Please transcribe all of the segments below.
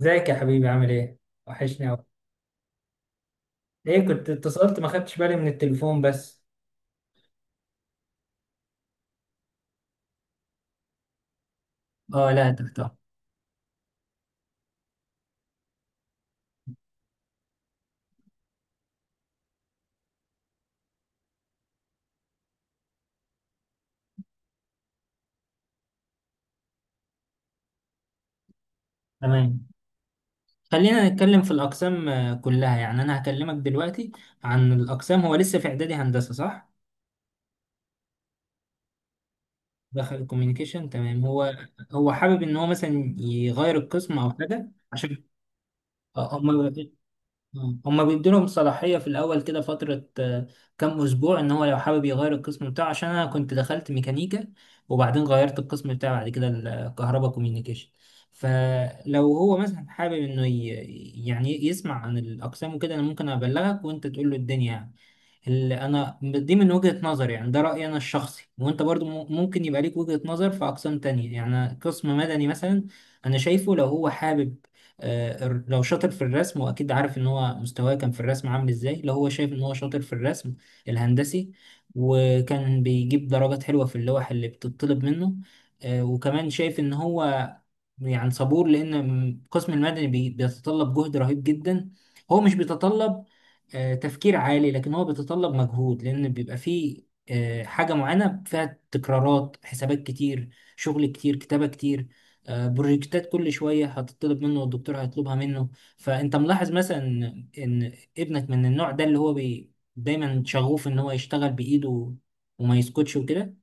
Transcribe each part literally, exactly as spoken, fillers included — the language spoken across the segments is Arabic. ازيك يا حبيبي؟ عامل ايه؟ وحشني اوي. ايه، كنت اتصلت ما خدتش بالي من التليفون بس. اه لا يا دكتور. تمام، خلينا نتكلم في الاقسام آه، كلها يعني. انا هكلمك دلوقتي عن الاقسام. هو لسه في اعدادي هندسة صح؟ دخل كوميونيكيشن تمام. هو هو حابب ان هو مثلا يغير القسم او حاجة عشان مم. هما بيدولهم صلاحية في الأول كده فترة، آه، كام أسبوع، إن هو لو حابب يغير القسم بتاعه. عشان أنا كنت دخلت ميكانيكا وبعدين غيرت القسم بتاعي بعد كده الكهرباء كوميونيكيشن. فلو هو مثلا حابب إنه ي- يعني يسمع عن الأقسام وكده، أنا ممكن أبلغك وأنت تقول له الدنيا يعني. اللي انا دي من وجهة نظري، يعني ده رأيي انا الشخصي، وانت برضو مم- ممكن يبقى ليك وجهة نظر في اقسام تانية، يعني قسم مدني مثلا. انا شايفه لو هو حابب، آه، الر- لو شاطر في الرسم، واكيد عارف ان هو مستواه كان في الرسم عامل ازاي، لو هو شايف ان هو شاطر في الرسم الهندسي، وكان بيجيب درجات حلوة في اللوح اللي بتطلب منه، آه، وكمان شايف ان هو يعني صبور، لان القسم المدني بي- بيتطلب جهد رهيب جدا. هو مش بيتطلب آه، تفكير عالي، لكن هو بيتطلب مجهود، لان بيبقى فيه آه، حاجة معينة فيها تكرارات حسابات كتير، شغل كتير، كتابة كتير، آه، بروجكتات كل شوية هتطلب منه والدكتور هيطلبها منه. فانت ملاحظ مثلا ان إن ابنك من النوع ده اللي هو بي دايما شغوف ان هو يشتغل بايده وما يسكتش وكده.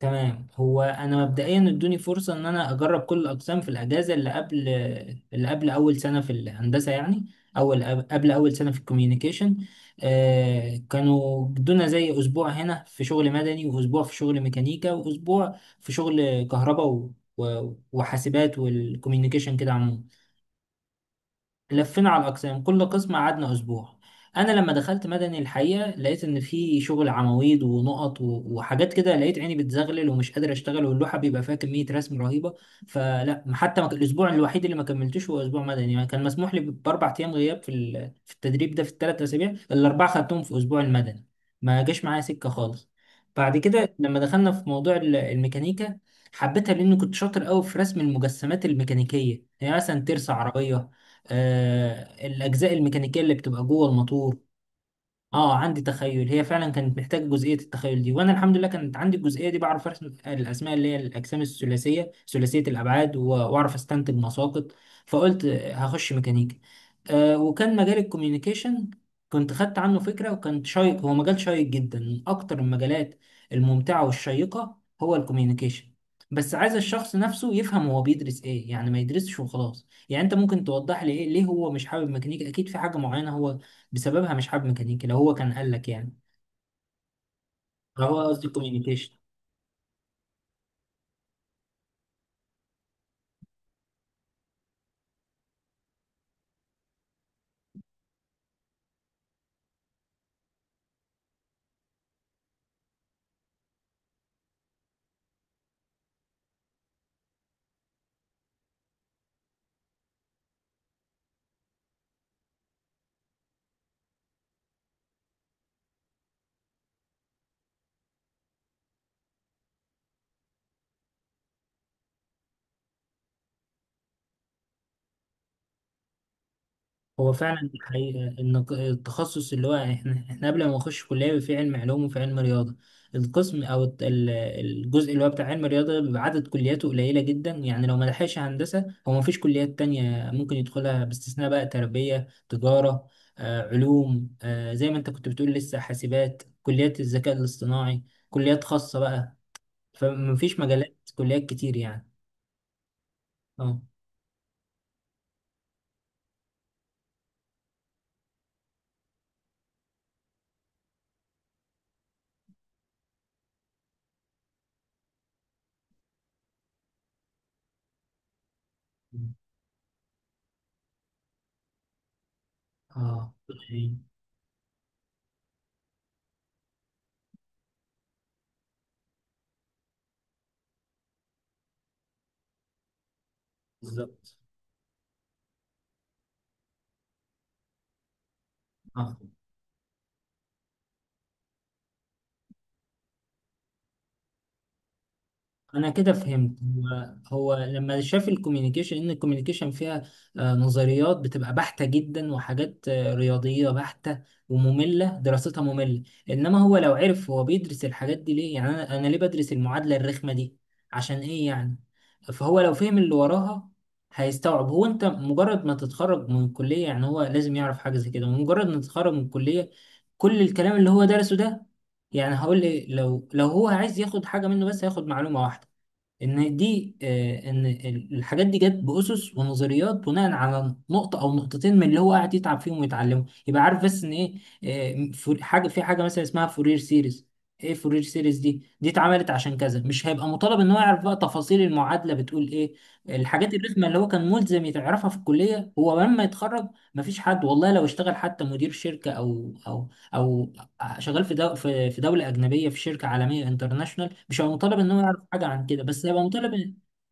تمام، هو انا مبدئيا ادوني فرصه ان انا اجرب كل الاقسام في الاجازه اللي قبل اللي قبل اول سنه في الهندسه، يعني اول قبل اول سنه في الكوميونيكيشن. آه، كانوا ادونا زي اسبوع هنا في شغل مدني، واسبوع في شغل ميكانيكا، واسبوع في شغل كهرباء و- و- وحاسبات والكوميونيكيشن كده عموما. لفينا على الأقسام، كل قسم قعدنا أسبوع. أنا لما دخلت مدني الحقيقة لقيت إن في شغل عواميد ونقط و- وحاجات كده، لقيت عيني بتزغلل ومش قادر أشتغل، واللوحة بيبقى فيها كمية رسم رهيبة. فلا، حتى ما ك- الأسبوع الوحيد اللي ما كملتوش هو أسبوع مدني، يعني كان مسموح لي ب- بأربع أيام غياب في ال- في التدريب ده في الثلاث أسابيع، الأربعة خدتهم في أسبوع المدني. ما جاش معايا سكة خالص. بعد كده لما دخلنا في موضوع ال- الميكانيكا، حبيتها لأني كنت شاطر قوي في رسم المجسمات الميكانيكية، يعني مثلا ترس عربية، آه، الأجزاء الميكانيكية اللي بتبقى جوه الموتور. اه، عندي تخيل. هي فعلا كانت محتاج جزئيه التخيل دي، وانا الحمد لله كانت عندي الجزئيه دي، بعرف ارسم الاسماء اللي هي الاجسام الثلاثيه ثلاثيه الابعاد و- واعرف استنتج مساقط. فقلت هخش ميكانيكا. آه، وكان مجال الكوميونيكيشن كنت خدت عنه فكره وكان شيق، هو مجال شيق جدا، من اكتر المجالات الممتعه والشيقه هو الكوميونيكيشن. بس عايز الشخص نفسه يفهم هو بيدرس ايه، يعني ما يدرسش وخلاص. يعني انت ممكن توضح لي ايه ليه هو مش حابب ميكانيكا؟ اكيد في حاجه معينه هو بسببها مش حابب ميكانيكا، لو هو كان قال لك يعني. لو هو، قصدي، كوميونيكيشن. هو فعلا الحقيقة إن التخصص اللي هو إحنا إحنا قبل ما نخش كلية في علم علوم وفي علم رياضة، القسم أو الت- ال- الجزء اللي هو بتاع علم الرياضة بيبقى عدد كلياته قليلة جدا، يعني لو ما لحقش هندسة هو ما فيش كليات تانية ممكن يدخلها باستثناء بقى تربية، تجارة، آه، علوم، آه، زي ما أنت كنت بتقول، لسه حاسبات، كليات الذكاء الاصطناعي، كليات خاصة بقى. فمفيش مجالات كليات كتير يعني. اه. اه صحيح. بالظبط. اه، انا كده فهمت. هو هو لما شاف الكوميونيكيشن ان الكوميونيكيشن فيها آه نظريات بتبقى بحتة جدا وحاجات آه رياضية بحتة ومملة، دراستها مملة. انما هو لو عرف هو بيدرس الحاجات دي ليه، يعني انا انا ليه بدرس المعادلة الرخمة دي عشان ايه يعني؟ فهو لو فهم اللي وراها هيستوعب. هو انت مجرد ما تتخرج من الكلية، يعني هو لازم يعرف حاجة زي كده، مجرد ما تتخرج من الكلية كل الكلام اللي هو درسه ده يعني. هقول لي لو لو هو عايز ياخد حاجة منه، بس هياخد معلومة واحدة، ان دي آه، ان ال- الحاجات دي جت باسس ونظريات بناء على نقطه او نقطتين من اللي هو قاعد يتعب فيهم ويتعلمه، يبقى عارف بس ان ايه. آه، فور- حاجه، في حاجه مثلا اسمها فورير سيريز، ايه فورير سيريز دي دي اتعملت عشان كذا. مش هيبقى مطالب ان هو يعرف بقى تفاصيل المعادله بتقول ايه. الحاجات الرخمه اللي هو كان ملزم يعرفها في الكليه، هو لما يتخرج مفيش حد، والله لو اشتغل حتى مدير شركه، او او او شغال في دو في في دوله اجنبيه في شركه عالميه انترناشونال، مش هيبقى مطالب ان هو يعرف حاجه عن كده، بس هيبقى مطالب إن-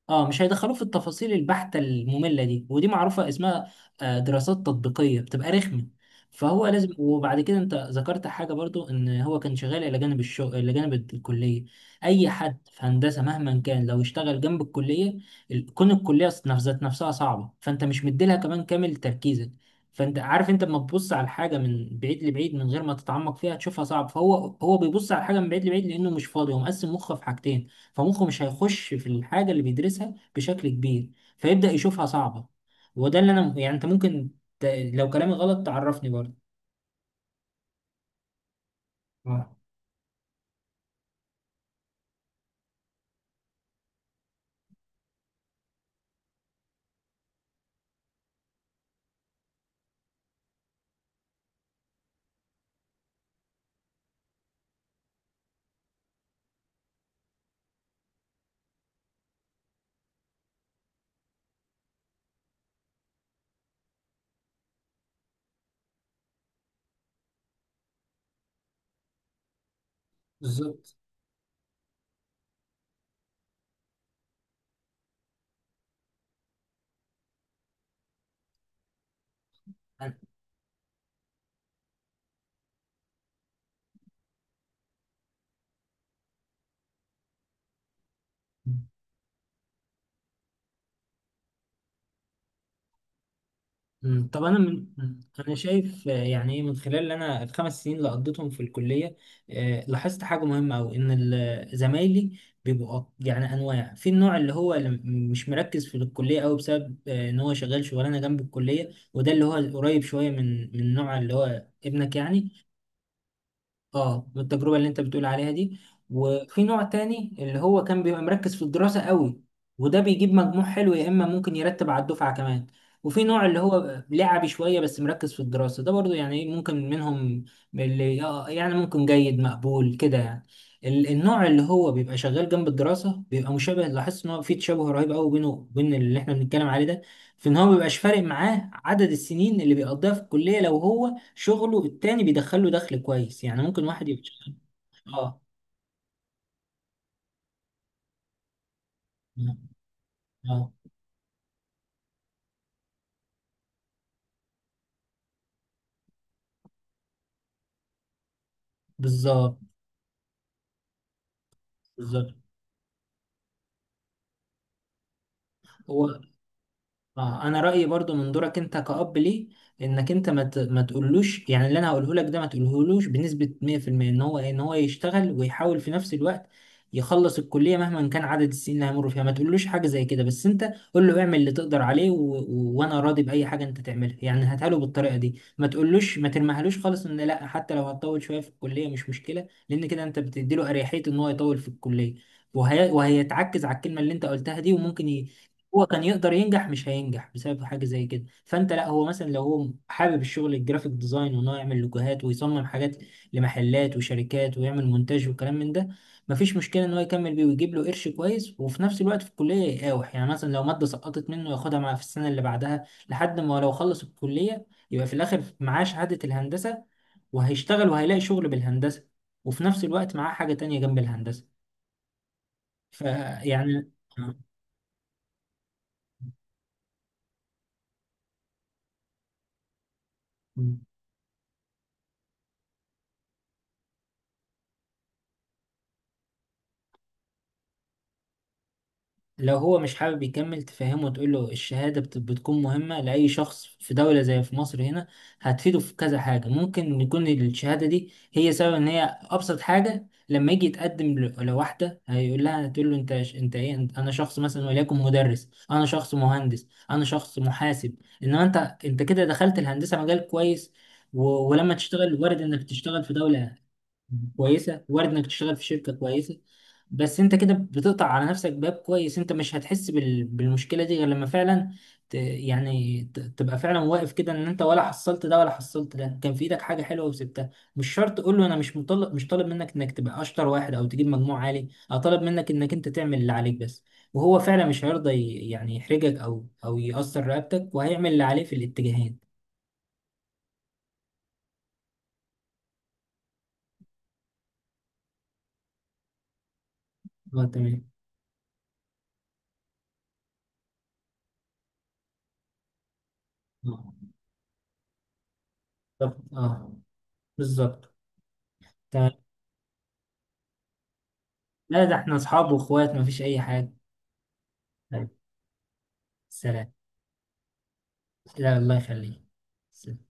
اه، مش هيدخلوه في التفاصيل البحته الممله دي، ودي معروفه اسمها آه، دراسات تطبيقيه، بتبقى رخمه. فهو لازم. وبعد كده انت ذكرت حاجه برضو، ان هو كان شغال الى جانب الشغل، الى جانب الكليه. اي حد في هندسه مهما كان لو اشتغل جنب الكليه، ال- كون الكليه نفس- ذات نفسها صعبه، فانت مش مديلها كمان كامل تركيزك. فانت عارف انت لما تبص على الحاجه من بعيد لبعيد من غير ما تتعمق فيها تشوفها صعب. فهو، هو بيبص على الحاجه من بعيد لبعيد لانه مش فاضي، هو مقسم مخه في حاجتين، فمخه مش هيخش في الحاجه اللي بيدرسها بشكل كبير، فيبدا يشوفها صعبه. وده اللي انا يعني انت ممكن ت... لو كلامي غلط تعرفني برضه. اه، بالظبط. مم. طب انا من مم. انا شايف، آه، يعني ايه من خلال اللي انا الخمس سنين اللي قضيتهم في الكليه، آه، لاحظت حاجه مهمه قوي، ان ال- زمايلي بيبقوا يعني انواع. في النوع اللي هو اللي م- مش مركز في الكليه قوي بسبب آه، ان هو شغال شغلانه جنب الكليه، وده اللي هو قريب شويه من من النوع اللي هو ابنك يعني. اه، بالتجربة اللي انت بتقول عليها دي. وفي نوع تاني اللي هو كان بيبقى مركز في الدراسة قوي، وده بيجيب مجموع حلو، يا اما ممكن يرتب على الدفعة كمان. وفي نوع اللي هو لعبي شوية بس مركز في الدراسة، ده برضو يعني إيه، ممكن منهم اللي، آه، يعني ممكن جيد مقبول كده يعني. ال- النوع اللي هو بيبقى شغال جنب الدراسة بيبقى مشابه، لاحظت ان هو في تشابه رهيب قوي بينه وبين اللي احنا بنتكلم عليه ده، في ان هو مبيبقاش فارق معاه عدد السنين اللي بيقضيها في الكلية لو هو شغله التاني بيدخله دخل كويس. يعني ممكن واحد يبقى شغال- اه. اه. آه، بالظبط. بالظبط. هو، اه انا رايي برضو من دورك انت كأب ليه، انك انت ما ت- ما تقولوش، يعني اللي انا هقوله لك ده ما تقولهولوش بنسبه مئة في المئة ان هو ان هو يشتغل ويحاول في نفس الوقت يخلص الكليه مهما كان عدد السنين اللي هيمر فيها. ما تقولوش حاجه زي كده. بس انت قول له اعمل اللي تقدر عليه، و... و... وانا راضي باي حاجه انت تعملها. يعني هاتها له بالطريقه دي، ما تقولوش، ما ترميهالوش خالص، ان لا حتى لو هتطول شويه في الكليه مش مشكله، لان كده انت بتدي له اريحيه ان هو يطول في الكليه وهي... وهيتعكز على الكلمه اللي انت قلتها دي. وممكن هو كان يقدر ينجح مش هينجح بسبب حاجة زي كده. فانت لا، هو مثلا لو هو حابب الشغل الجرافيك ديزاين، وان هو يعمل لوجوهات ويصمم حاجات لمحلات وشركات ويعمل مونتاج وكلام من ده، مفيش مشكلة ان هو يكمل بيه ويجيب له قرش كويس، وفي نفس الوقت في الكلية يقاوح، يعني مثلا لو مادة سقطت منه ياخدها مع في السنة اللي بعدها لحد ما لو خلص الكلية يبقى في الاخر معاه شهادة الهندسة، وهيشتغل وهيلاقي شغل بالهندسة، وفي نفس الوقت معاه حاجة تانية جنب الهندسة فيعني. لو هو مش حابب يكمل، تفهمه وتقول له الشهادة بت- بتكون مهمة لأي شخص في دولة زي في مصر هنا، هتفيده في كذا حاجة. ممكن يكون الشهادة دي هي سبب، إن هي أبسط حاجة لما يجي يتقدم ل- لواحدة، هيقول لها، هتقول له أنت ش- أنت إيه أنت- أنا شخص مثلا وليكن مدرس، أنا شخص مهندس، أنا شخص محاسب. إنما أنت، أنت كده دخلت الهندسة مجال كويس، و- ولما تشتغل وارد إنك تشتغل في دولة كويسه، وارد انك تشتغل في شركه كويسه. بس انت كده بتقطع على نفسك باب كويس. انت مش هتحس بال... بالمشكله دي غير لما فعلا ت... يعني ت... تبقى فعلا واقف كده ان انت ولا حصلت ده ولا حصلت ده، كان في ايدك حاجه حلوه وسبتها. مش شرط تقول له انا مش مطلب مش طالب منك انك تبقى اشطر واحد او تجيب مجموع عالي، انا طالب منك انك انت تعمل اللي عليك بس. وهو فعلا مش هيرضى ي... يعني يحرجك او او يأثر رقبتك، وهيعمل اللي عليه في الاتجاهين. اه تمام. اه. طب اه. بالظبط. لا، ده احنا اصحاب واخوات، مفيش اي حاجة. طيب. سلام. لا، الله يخليك. سلام.